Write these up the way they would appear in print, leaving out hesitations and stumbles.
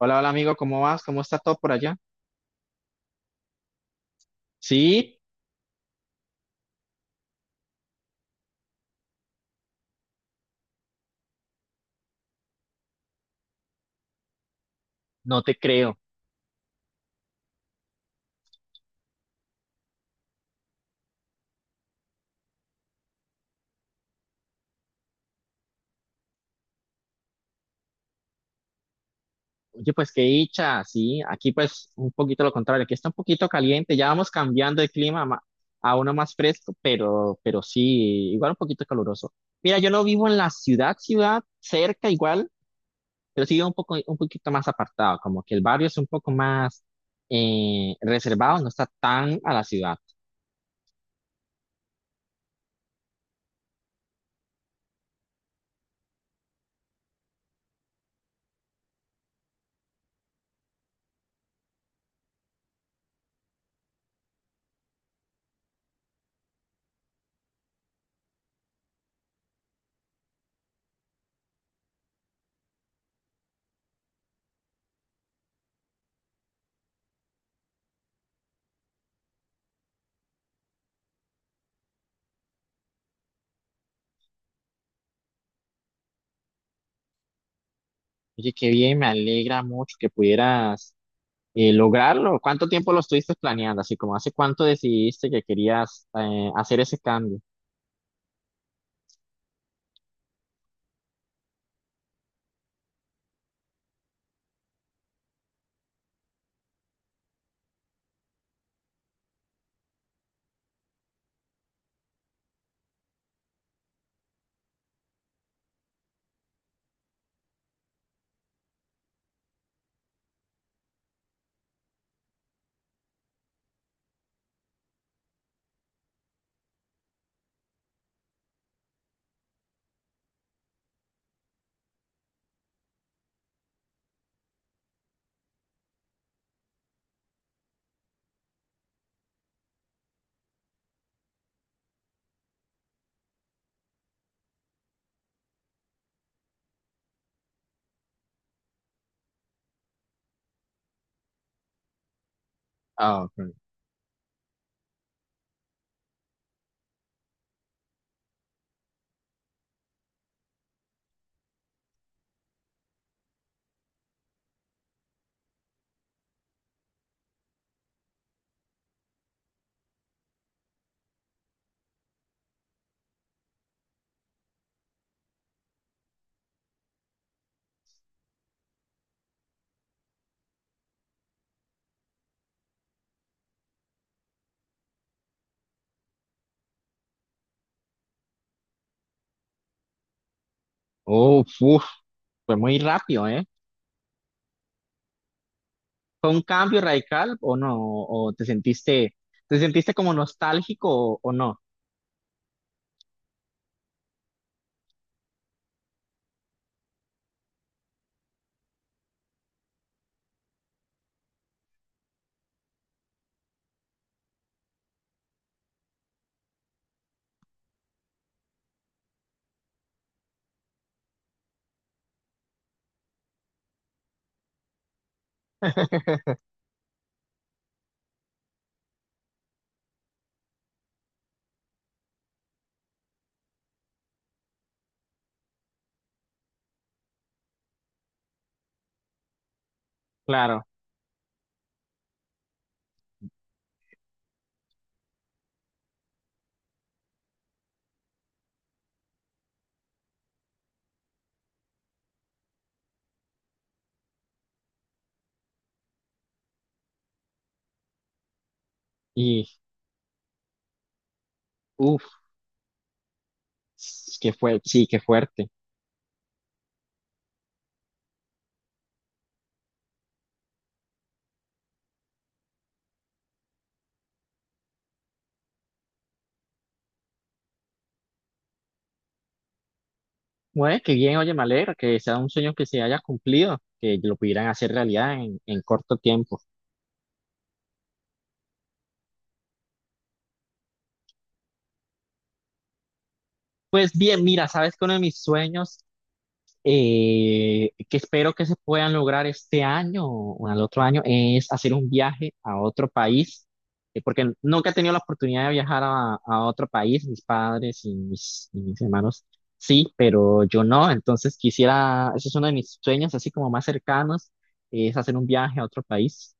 Hola, hola amigo, ¿cómo vas? ¿Cómo está todo por allá? Sí, no te creo. Oye, pues qué dicha, sí, aquí pues un poquito lo contrario, aquí está un poquito caliente, ya vamos cambiando de clima a uno más fresco, pero sí, igual un poquito caluroso. Mira, yo no vivo en la ciudad, cerca igual, pero sí vivo un poquito más apartado, como que el barrio es un poco más reservado, no está tan a la ciudad. Oye, qué bien, me alegra mucho que pudieras lograrlo. ¿Cuánto tiempo lo estuviste planeando? Así como, ¿hace cuánto decidiste que querías hacer ese cambio? Ah, ok. Oh, uf, fue muy rápido, ¿eh? ¿Fue un cambio radical o no? ¿O te sentiste como nostálgico o no? Claro. Y, uff, qué fue, sí, qué fuerte. Bueno, qué bien, oye, me alegra que sea un sueño que se haya cumplido, que lo pudieran hacer realidad en corto tiempo. Pues bien, mira, sabes que uno de mis sueños que espero que se puedan lograr este año o al otro año, es hacer un viaje a otro país, porque nunca he tenido la oportunidad de viajar a otro país, mis padres y mis hermanos sí, pero yo no, entonces quisiera, ese es uno de mis sueños así como más cercanos, es hacer un viaje a otro país.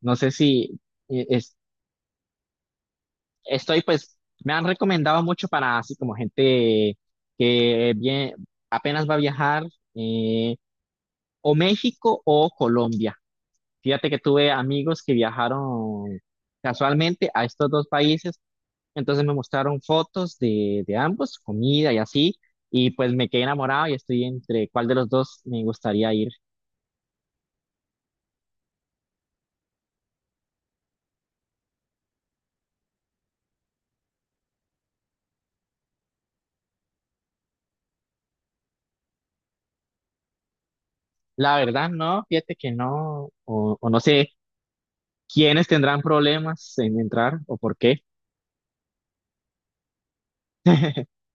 No sé si eh, es- estoy pues, me han recomendado mucho para así como gente que bien, apenas va a viajar. eh, o México o Colombia. Fíjate que tuve amigos que viajaron casualmente a estos dos países, entonces me mostraron fotos de ambos, comida y así, y pues me quedé enamorado y estoy entre cuál de los dos me gustaría ir. La verdad, no, fíjate que no, o no sé quiénes tendrán problemas en entrar o por qué.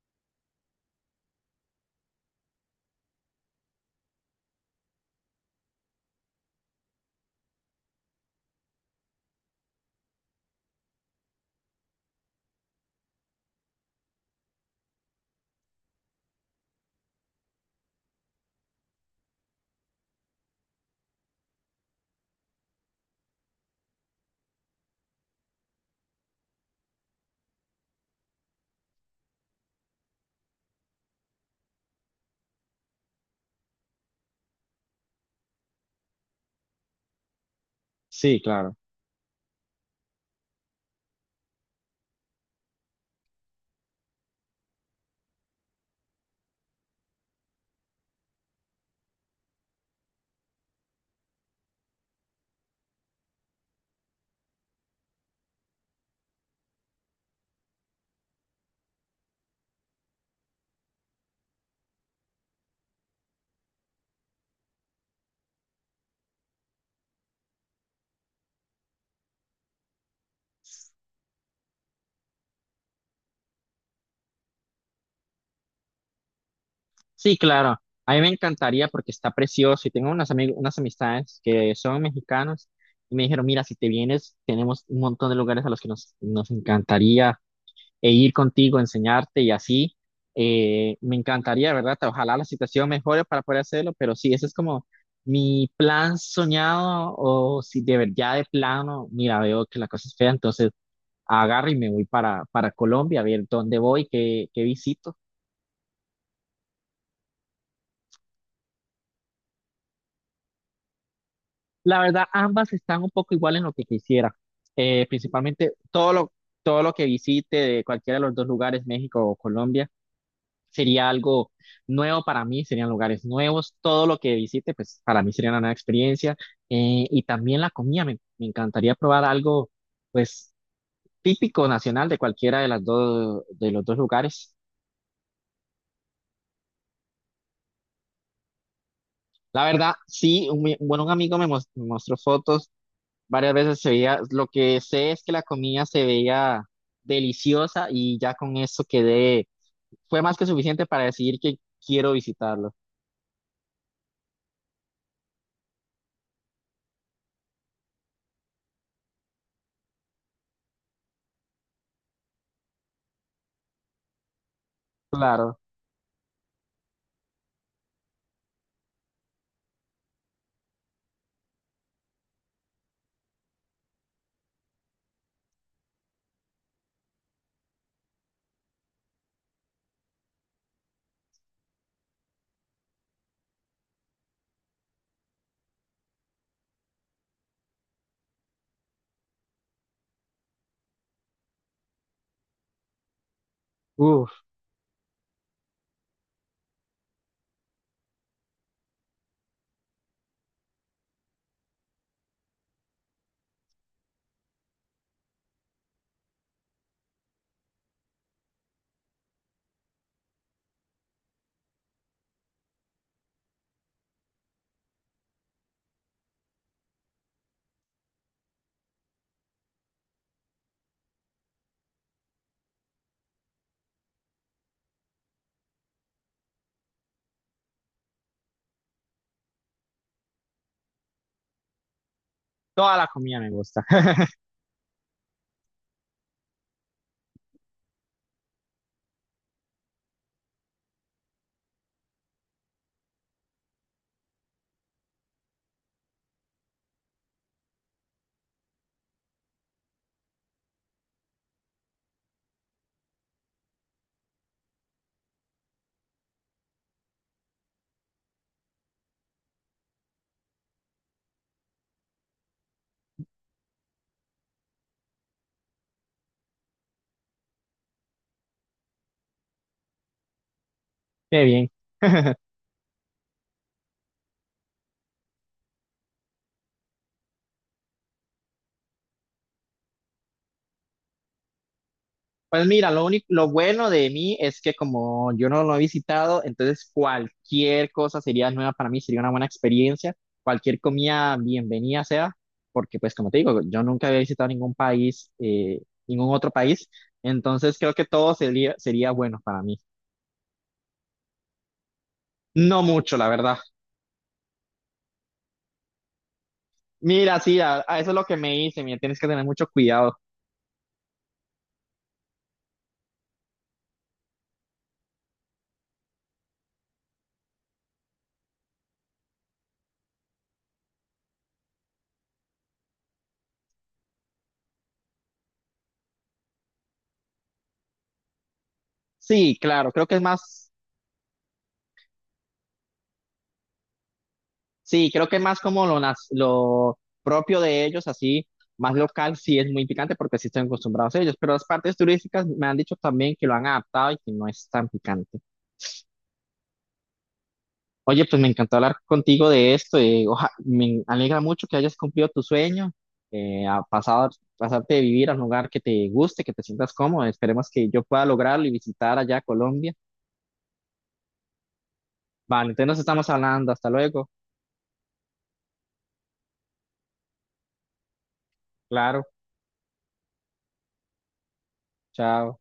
Sí, claro. Sí, claro. A mí me encantaría porque está precioso y tengo unas amistades que son mexicanos y me dijeron, mira, si te vienes, tenemos un montón de lugares a los que nos, nos encantaría e ir contigo, enseñarte y así. Me encantaría, ¿verdad? Ojalá la situación mejore para poder hacerlo, pero sí, ese es como mi plan soñado o si de verdad ya de plano, mira, veo que la cosa es fea, entonces agarro y me voy para Colombia a ver dónde voy, qué, qué visito. La verdad, ambas están un poco igual en lo que quisiera. Principalmente todo lo que visite de cualquiera de los dos lugares, México o Colombia, sería algo nuevo para mí, serían lugares nuevos. Todo lo que visite, pues para mí sería una nueva experiencia. Y también la comida, me encantaría probar algo, pues típico nacional de cualquiera de las dos, de los dos lugares. La verdad, sí, un amigo me mostró fotos. Varias veces se veía, lo que sé es que la comida se veía deliciosa y ya con eso quedé, fue más que suficiente para decidir que quiero visitarlo. Claro, uff, toda la comida me gusta. Qué bien. Pues mira, lo único, lo bueno de mí es que como yo no lo he visitado, entonces cualquier cosa sería nueva para mí, sería una buena experiencia, cualquier comida bienvenida sea, porque pues como te digo, yo nunca había visitado ningún país, ningún otro país, entonces creo que todo sería, sería bueno para mí. No mucho, la verdad. Mira, sí, a eso es lo que me hice, mira, tienes que tener mucho cuidado. Sí, claro, creo que es más. Sí, creo que más como lo propio de ellos, así, más local, sí es muy picante porque sí están acostumbrados a ellos, pero las partes turísticas me han dicho también que lo han adaptado y que no es tan picante. Oye, pues me encantó hablar contigo de esto, y, me alegra mucho que hayas cumplido tu sueño, eh, a pasar, pasarte de vivir a un lugar que te guste, que te sientas cómodo. Esperemos que yo pueda lograrlo y visitar allá Colombia. Vale, entonces nos estamos hablando, hasta luego, claro, chao.